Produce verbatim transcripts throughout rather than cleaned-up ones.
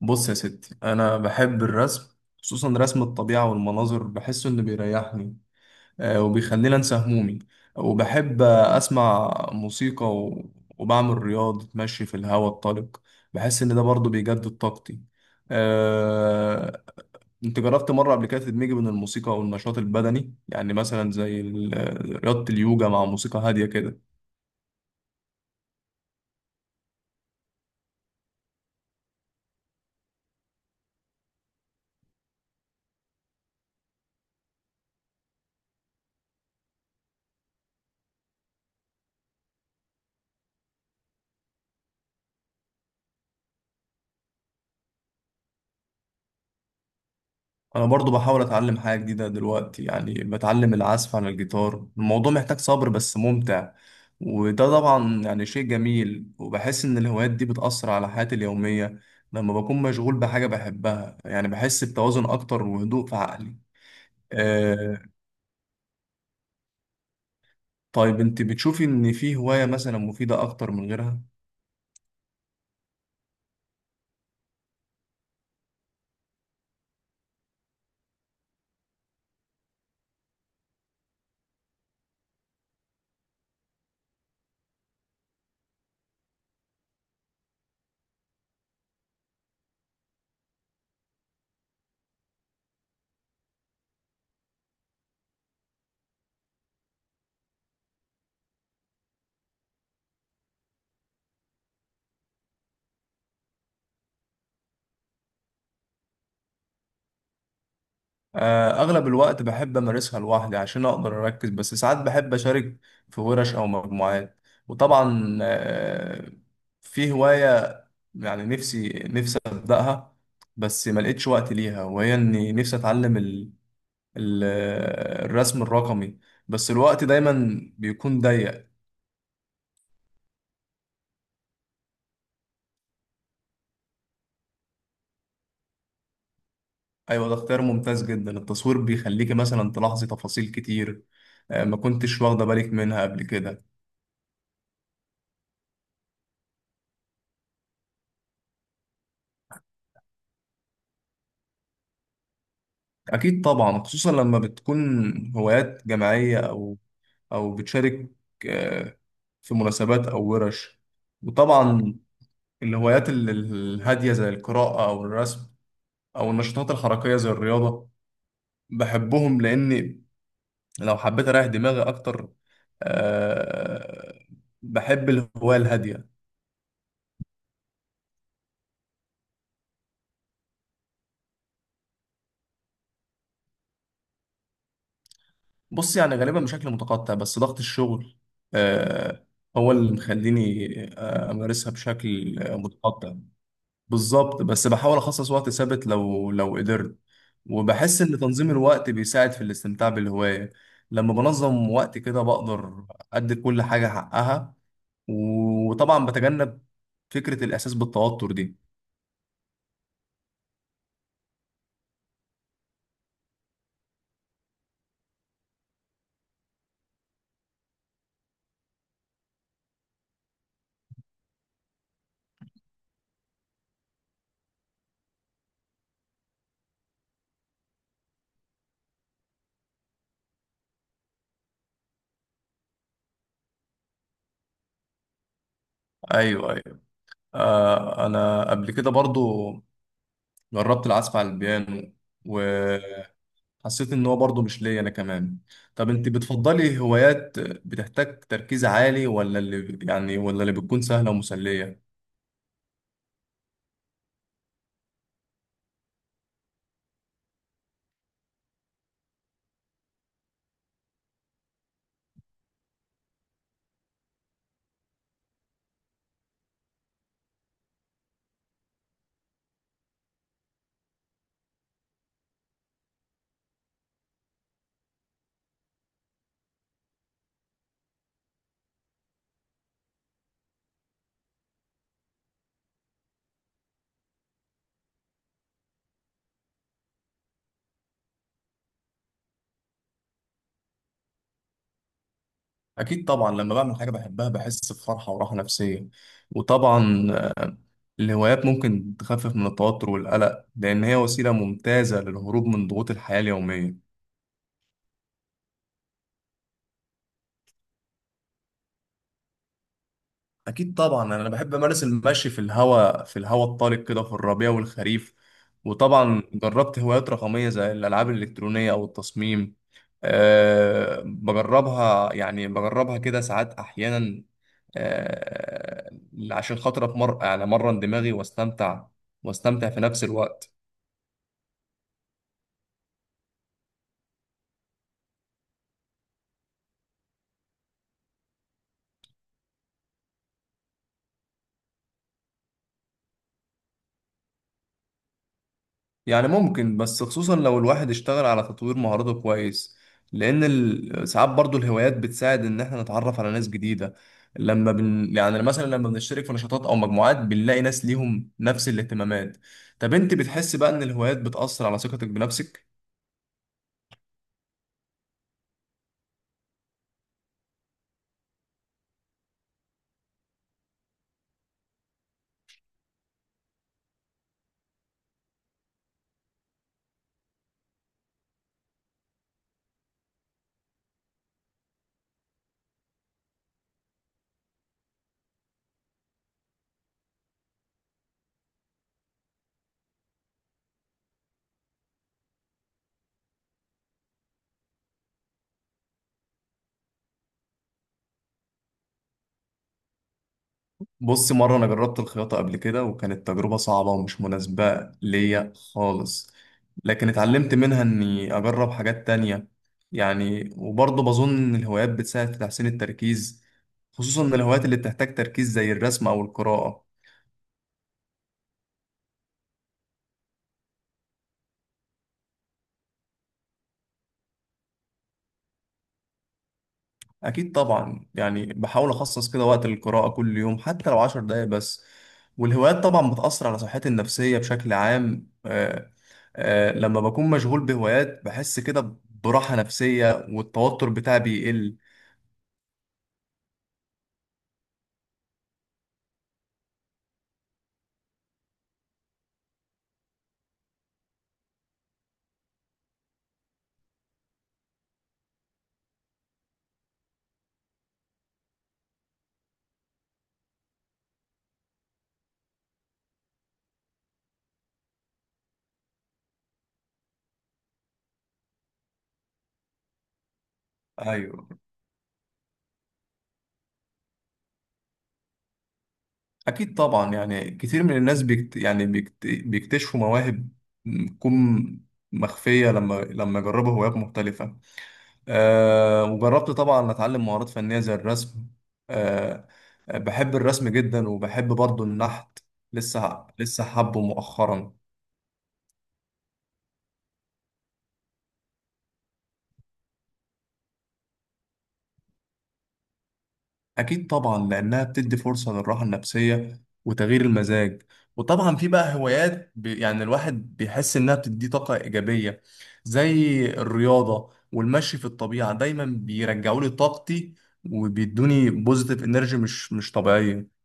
بص يا ستي، انا بحب الرسم، خصوصا رسم الطبيعه والمناظر، بحسه انه بيريحني. آه، وبيخليني انسى همومي، وبحب اسمع موسيقى و- وبعمل رياضه مشي في الهواء الطلق. بحس ان ده برضه بيجدد طاقتي. آه، انت جربت مره قبل كده تدمجي بين الموسيقى والنشاط البدني، يعني مثلا زي ال- رياضه اليوجا مع موسيقى هاديه كده؟ انا برضو بحاول اتعلم حاجه جديده دلوقتي، يعني بتعلم العزف على الجيتار. الموضوع محتاج صبر بس ممتع. وده طبعا يعني شيء جميل، وبحس ان الهوايات دي بتأثر على حياتي اليوميه. لما بكون مشغول بحاجه بحبها، يعني بحس بتوازن اكتر وهدوء في عقلي. آه. طيب انت بتشوفي ان في هوايه مثلا مفيده اكتر من غيرها؟ آه، أغلب الوقت بحب أمارسها لوحدي عشان أقدر أركز، بس ساعات بحب أشارك في ورش أو مجموعات. وطبعا آه، في هواية يعني نفسي نفسي أبدأها، بس ما لقيتش وقت ليها، وهي إني نفسي أتعلم ال- ال- الرسم الرقمي، بس الوقت دايما بيكون ضيق. أيوة، ده اختيار ممتاز جدا. التصوير بيخليكي مثلا تلاحظي تفاصيل كتير آه، ما كنتش واخدة بالك منها قبل كده. أكيد طبعا، خصوصا لما بتكون هوايات جماعية أو أو بتشارك آه، في مناسبات أو ورش. وطبعا الهوايات ال- الهادية زي القراءة أو الرسم، أو النشاطات الحركية زي الرياضة، بحبهم لأني لو حبيت أريح دماغي أكتر آه، بحب الهواية الهادية. بص، يعني غالبا بشكل متقطع، بس ضغط الشغل آه، هو اللي مخليني آه، أمارسها بشكل آه، متقطع. بالظبط، بس بحاول اخصص وقت ثابت لو لو قدرت. وبحس ان تنظيم الوقت بيساعد في الاستمتاع بالهواية. لما بنظم وقت كده بقدر ادي كل حاجة حقها، وطبعا بتجنب فكرة الاحساس بالتوتر دي. ايوه، ايوه. آه، انا قبل كده برضو جربت العزف على البيانو، وحسيت ان هو برضو مش ليا انا كمان. طب انت بتفضلي هوايات بتحتاج تركيز عالي، ولا اللي يعني ولا اللي بتكون سهلة ومسلية؟ أكيد طبعا، لما بعمل حاجة بحبها بحس بفرحة وراحة نفسية. وطبعا الهوايات ممكن تخفف من التوتر والقلق، لأن هي وسيلة ممتازة للهروب من ضغوط الحياة اليومية. أكيد طبعا، أنا بحب أمارس المشي في الهواء في الهواء الطلق كده في الربيع والخريف. وطبعا جربت هوايات رقمية زي الألعاب الإلكترونية أو التصميم. أه بجربها يعني بجربها كده ساعات أحيانا، آه، عشان خاطر اتمر يعني امرن دماغي، واستمتع واستمتع في نفس الوقت. يعني ممكن، بس خصوصا لو الواحد اشتغل على تطوير مهاراته كويس. لان ال- ساعات برضو الهوايات بتساعد ان احنا نتعرف على ناس جديدة. لما بن يعني مثلا لما بنشترك في نشاطات او مجموعات بنلاقي ناس ليهم نفس الاهتمامات. طب انت بتحس بقى ان الهوايات بتأثر على ثقتك بنفسك؟ بص، مرة أنا جربت الخياطة قبل كده، وكانت تجربة صعبة ومش مناسبة ليا خالص. لكن اتعلمت منها إني أجرب حاجات تانية. يعني وبرضه بظن إن الهوايات بتساعد في تحسين التركيز، خصوصا إن الهوايات اللي بتحتاج تركيز زي الرسم أو القراءة. أكيد طبعا، يعني بحاول أخصص كده وقت للقراءة كل يوم، حتى لو عشر دقايق بس. والهوايات طبعا بتأثر على صحتي النفسية بشكل عام. آه آه لما بكون مشغول بهوايات بحس كده براحة نفسية، والتوتر بتاعي بيقل. أيوه. أكيد طبعا، يعني كتير من الناس بيكت يعني بيكت بيكتشفوا مواهب بتكون مخفية، لما لما يجربوا هوايات مختلفة. أه. وجربت طبعا أتعلم مهارات فنية زي الرسم. أه. آه، بحب الرسم جدا، وبحب برضو النحت. لسه لسه حبه مؤخرا. أكيد طبعا، لأنها بتدي فرصة للراحة النفسية وتغيير المزاج. وطبعا في بقى هوايات ب- يعني الواحد بيحس إنها بتديه طاقة إيجابية، زي الرياضة والمشي في الطبيعة، دايما بيرجعوا لي طاقتي. وبيدوني بوزيتيف انرجي مش مش طبيعية.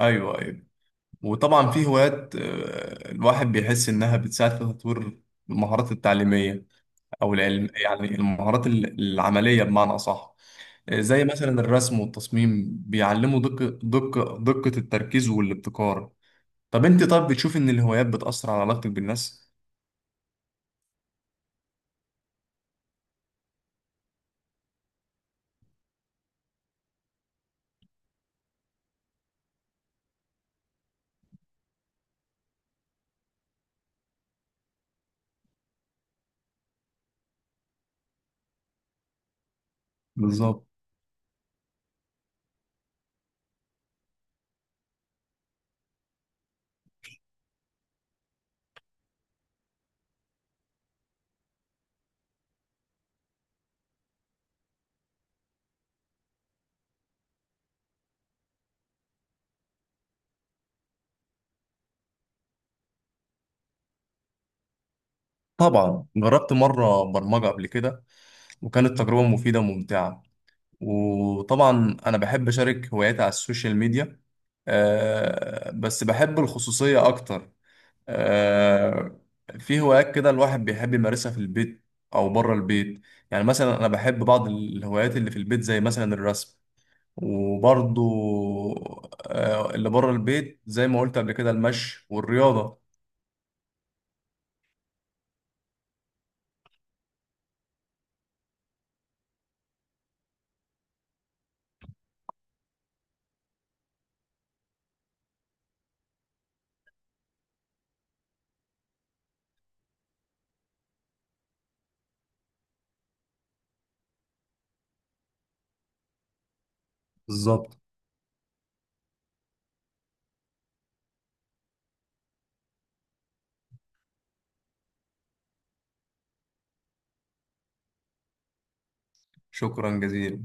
ايوه، ايوه. وطبعا في هوايات آه، الواحد بيحس إنها بتساعد في تطوير المهارات التعليمية. أو العلم، يعني المهارات ال- العملية بمعنى أصح. آه، زي مثلا الرسم والتصميم بيعلموا دقة دقة دقة التركيز والابتكار. طب أنت طب بتشوف إن الهوايات بتأثر على علاقتك بالناس؟ بالظبط. طبعا جربت مرة برمجة قبل كده، وكانت تجربة مفيدة وممتعة. وطبعا أنا بحب أشارك هواياتي على السوشيال ميديا، آه، بس بحب الخصوصية أكتر. آه، في هوايات كده الواحد بيحب يمارسها في البيت او بره البيت. يعني مثلا انا بحب بعض الهوايات اللي في البيت زي مثلا الرسم، وبرضو آه، اللي بره البيت زي ما قلت قبل كده المشي والرياضة. بالظبط. شكرا جزيلا.